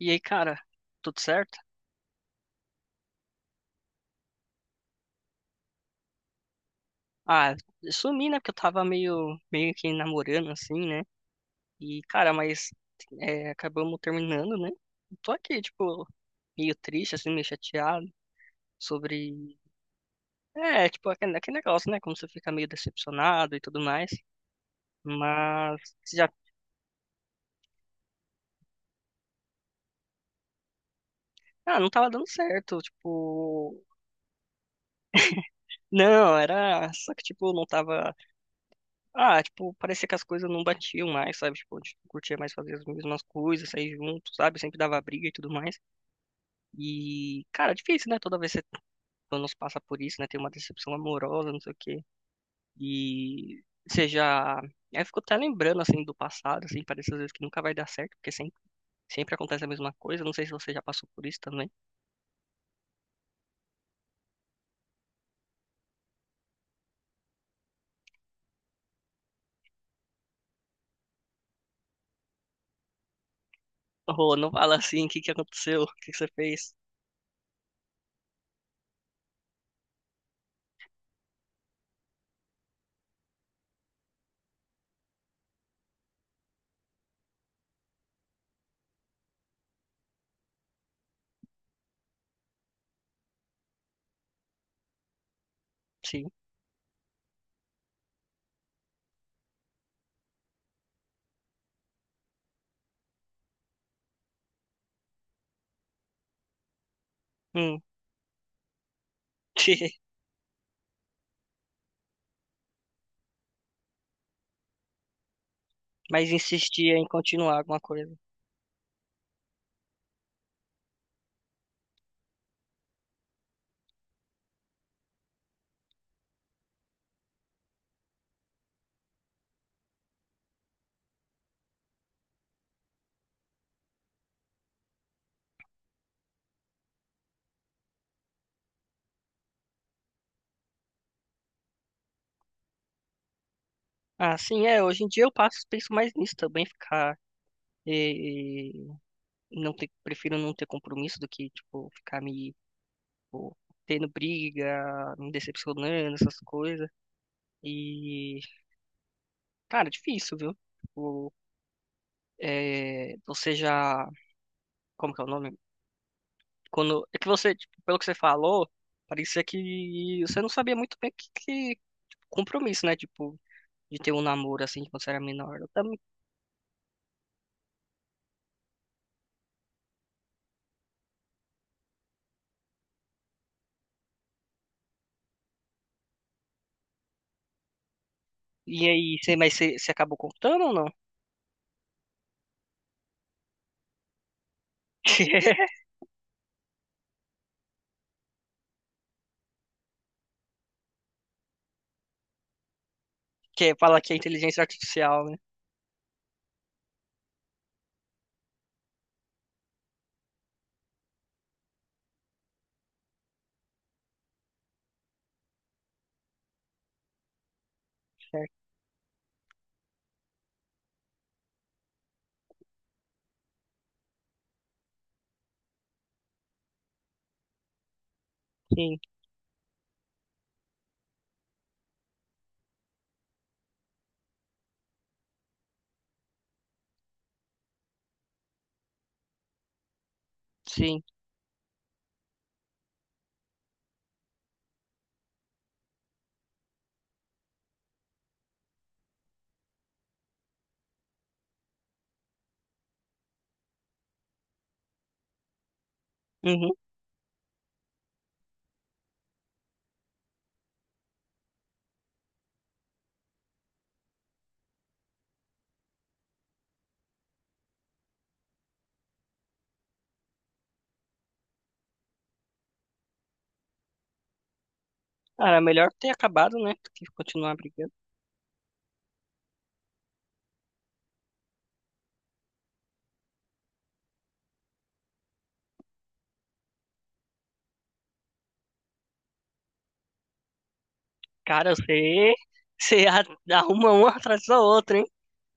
E aí, cara, tudo certo? Ah, eu sumi, né? Porque eu tava meio que namorando, assim, né? E, cara, mas é, acabamos terminando, né? Eu tô aqui, tipo, meio triste, assim, meio chateado sobre. É, tipo, aquele negócio, né? Como você fica meio decepcionado e tudo mais. Mas já. Ah, não tava dando certo, tipo. Não, era. Só que, tipo, não tava. Ah, tipo, parecia que as coisas não batiam mais, sabe? Tipo, a gente não curtia mais fazer as mesmas coisas, sair junto, sabe? Sempre dava briga e tudo mais. E, cara, difícil, né? Toda vez que você pelo menos passa por isso, né? Tem uma decepção amorosa, não sei o quê. E você já. Aí eu fico até lembrando, assim, do passado, assim, parece às vezes que nunca vai dar certo, porque sempre acontece a mesma coisa. Não sei se você já passou por isso também. Oh, não fala assim, o que que aconteceu? O que que você fez? Sim. Hum. Mas insistia em continuar alguma coisa. Ah, sim, é. Hoje em dia eu passo, penso mais nisso também, ficar e, não ter, prefiro não ter compromisso do que, tipo, ficar me, tipo, tendo briga, me decepcionando, essas coisas. E, cara, é difícil, viu? Tipo, é, você já, como que é o nome? Quando, é que você, tipo, pelo que você falou, parecia que você não sabia muito bem o que, que tipo, compromisso, né? Tipo, de ter um namoro assim quando você era menor. Eu também- E aí, você, mas você acabou contando ou não? Que fala que é inteligência artificial, né? Certo. Sim, sim. Uhum. Cara, melhor ter acabado, né? Do que continuar brigando. Cara, você a- arruma uma atrás da outra, hein?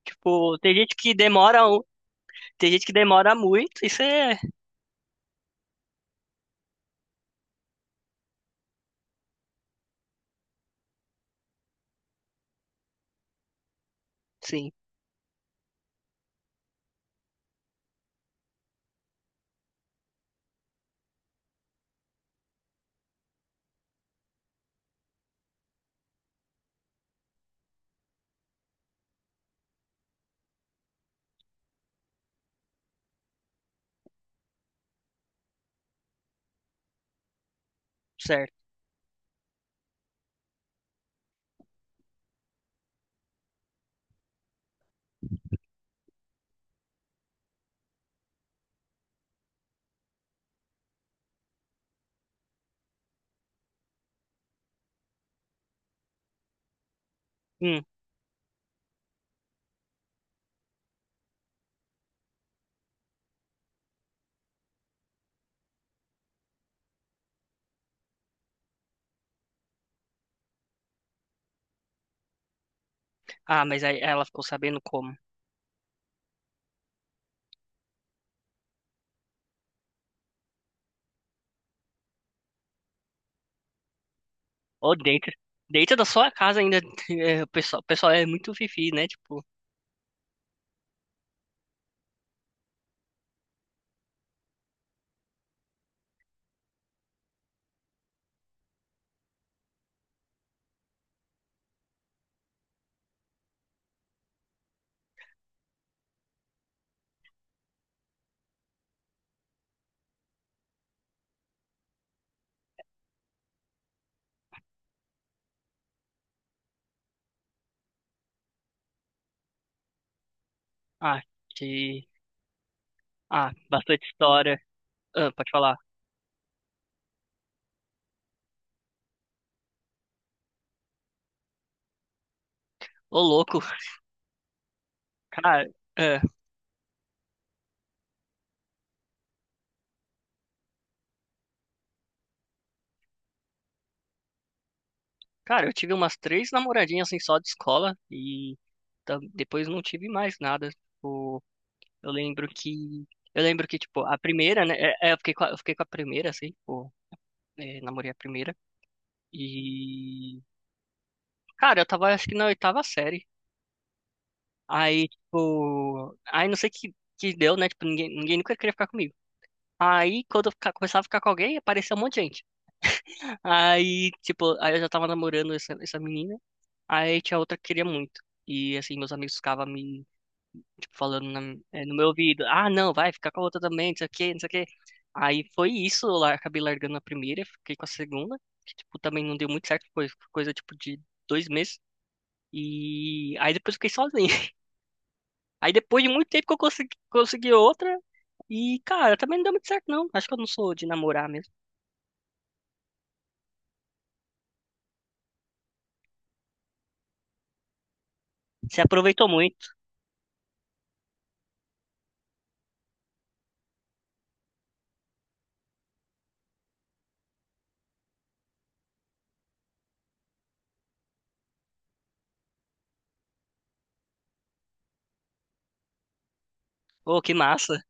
Tipo, tem gente que demora, um- tem gente que demora muito, isso é. Sim, certo. Hum. Ah, mas aí ela ficou sabendo como. Ô, dentro da sua casa ainda, é, o pessoal é muito fifi, né? Tipo, ah, que, ah, bastante história. Ah, pode falar. Ô, louco, cara. Ah. Cara, eu tive umas três namoradinhas assim só de escola e ta- depois não tive mais nada. Tipo, eu lembro que eu lembro que tipo a primeira, né? Eu fiquei com a, eu fiquei com a primeira assim, tipo, é, namorei a primeira e cara, eu tava acho que na oitava série. Aí tipo, aí não sei que deu, né? Tipo, ninguém nunca queria ficar comigo. Aí quando eu fica- começava a ficar com alguém, aparecia um monte de gente. Aí tipo, aí eu já tava namorando essa menina. Aí tinha outra que queria muito. E assim, meus amigos ficavam me tipo, falando na- no meu ouvido, ah, não, vai ficar com a outra também, não sei o quê, não sei o quê. Aí foi isso, eu lar- acabei largando a primeira, fiquei com a segunda, que, tipo, também não deu muito certo, foi coisa, tipo, de 2 meses. E aí depois eu fiquei sozinho. Aí depois de muito tempo que eu consegui outra, e, cara, também não deu muito certo, não. Acho que eu não sou de namorar mesmo. Você aproveitou muito. Ô, que massa.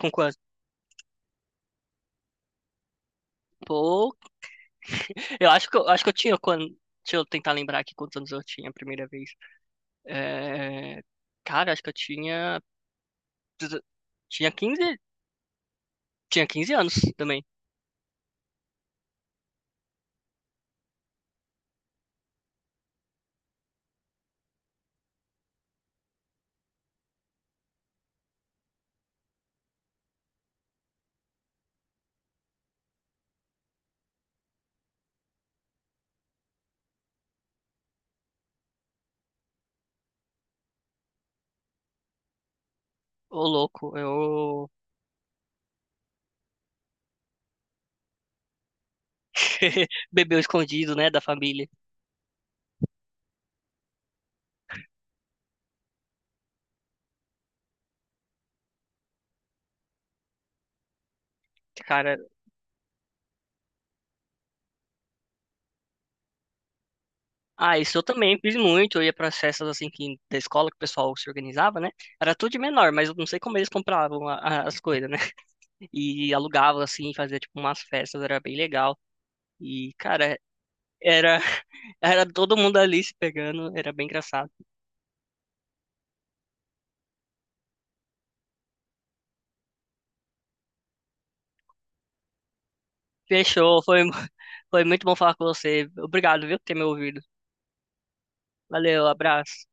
Com quanto? Pô, eu acho que eu tinha quando... Deixa eu tentar lembrar aqui quantos anos eu tinha a primeira vez. É... Cara, acho que eu tinha. Tinha 15 tinha 15 anos também. Ô, louco, eu bebeu escondido, né, da família. Cara, ah, isso eu também fiz muito. Eu ia para festas assim que da escola que o pessoal se organizava, né? Era tudo de menor, mas eu não sei como eles compravam a- as coisas, né? E alugavam assim, fazia tipo umas festas, era bem legal. E cara, era era todo mundo ali se pegando, era bem engraçado. Fechou, foi mu- foi muito bom falar com você. Obrigado, viu, por ter me ouvido. Valeu, abraço.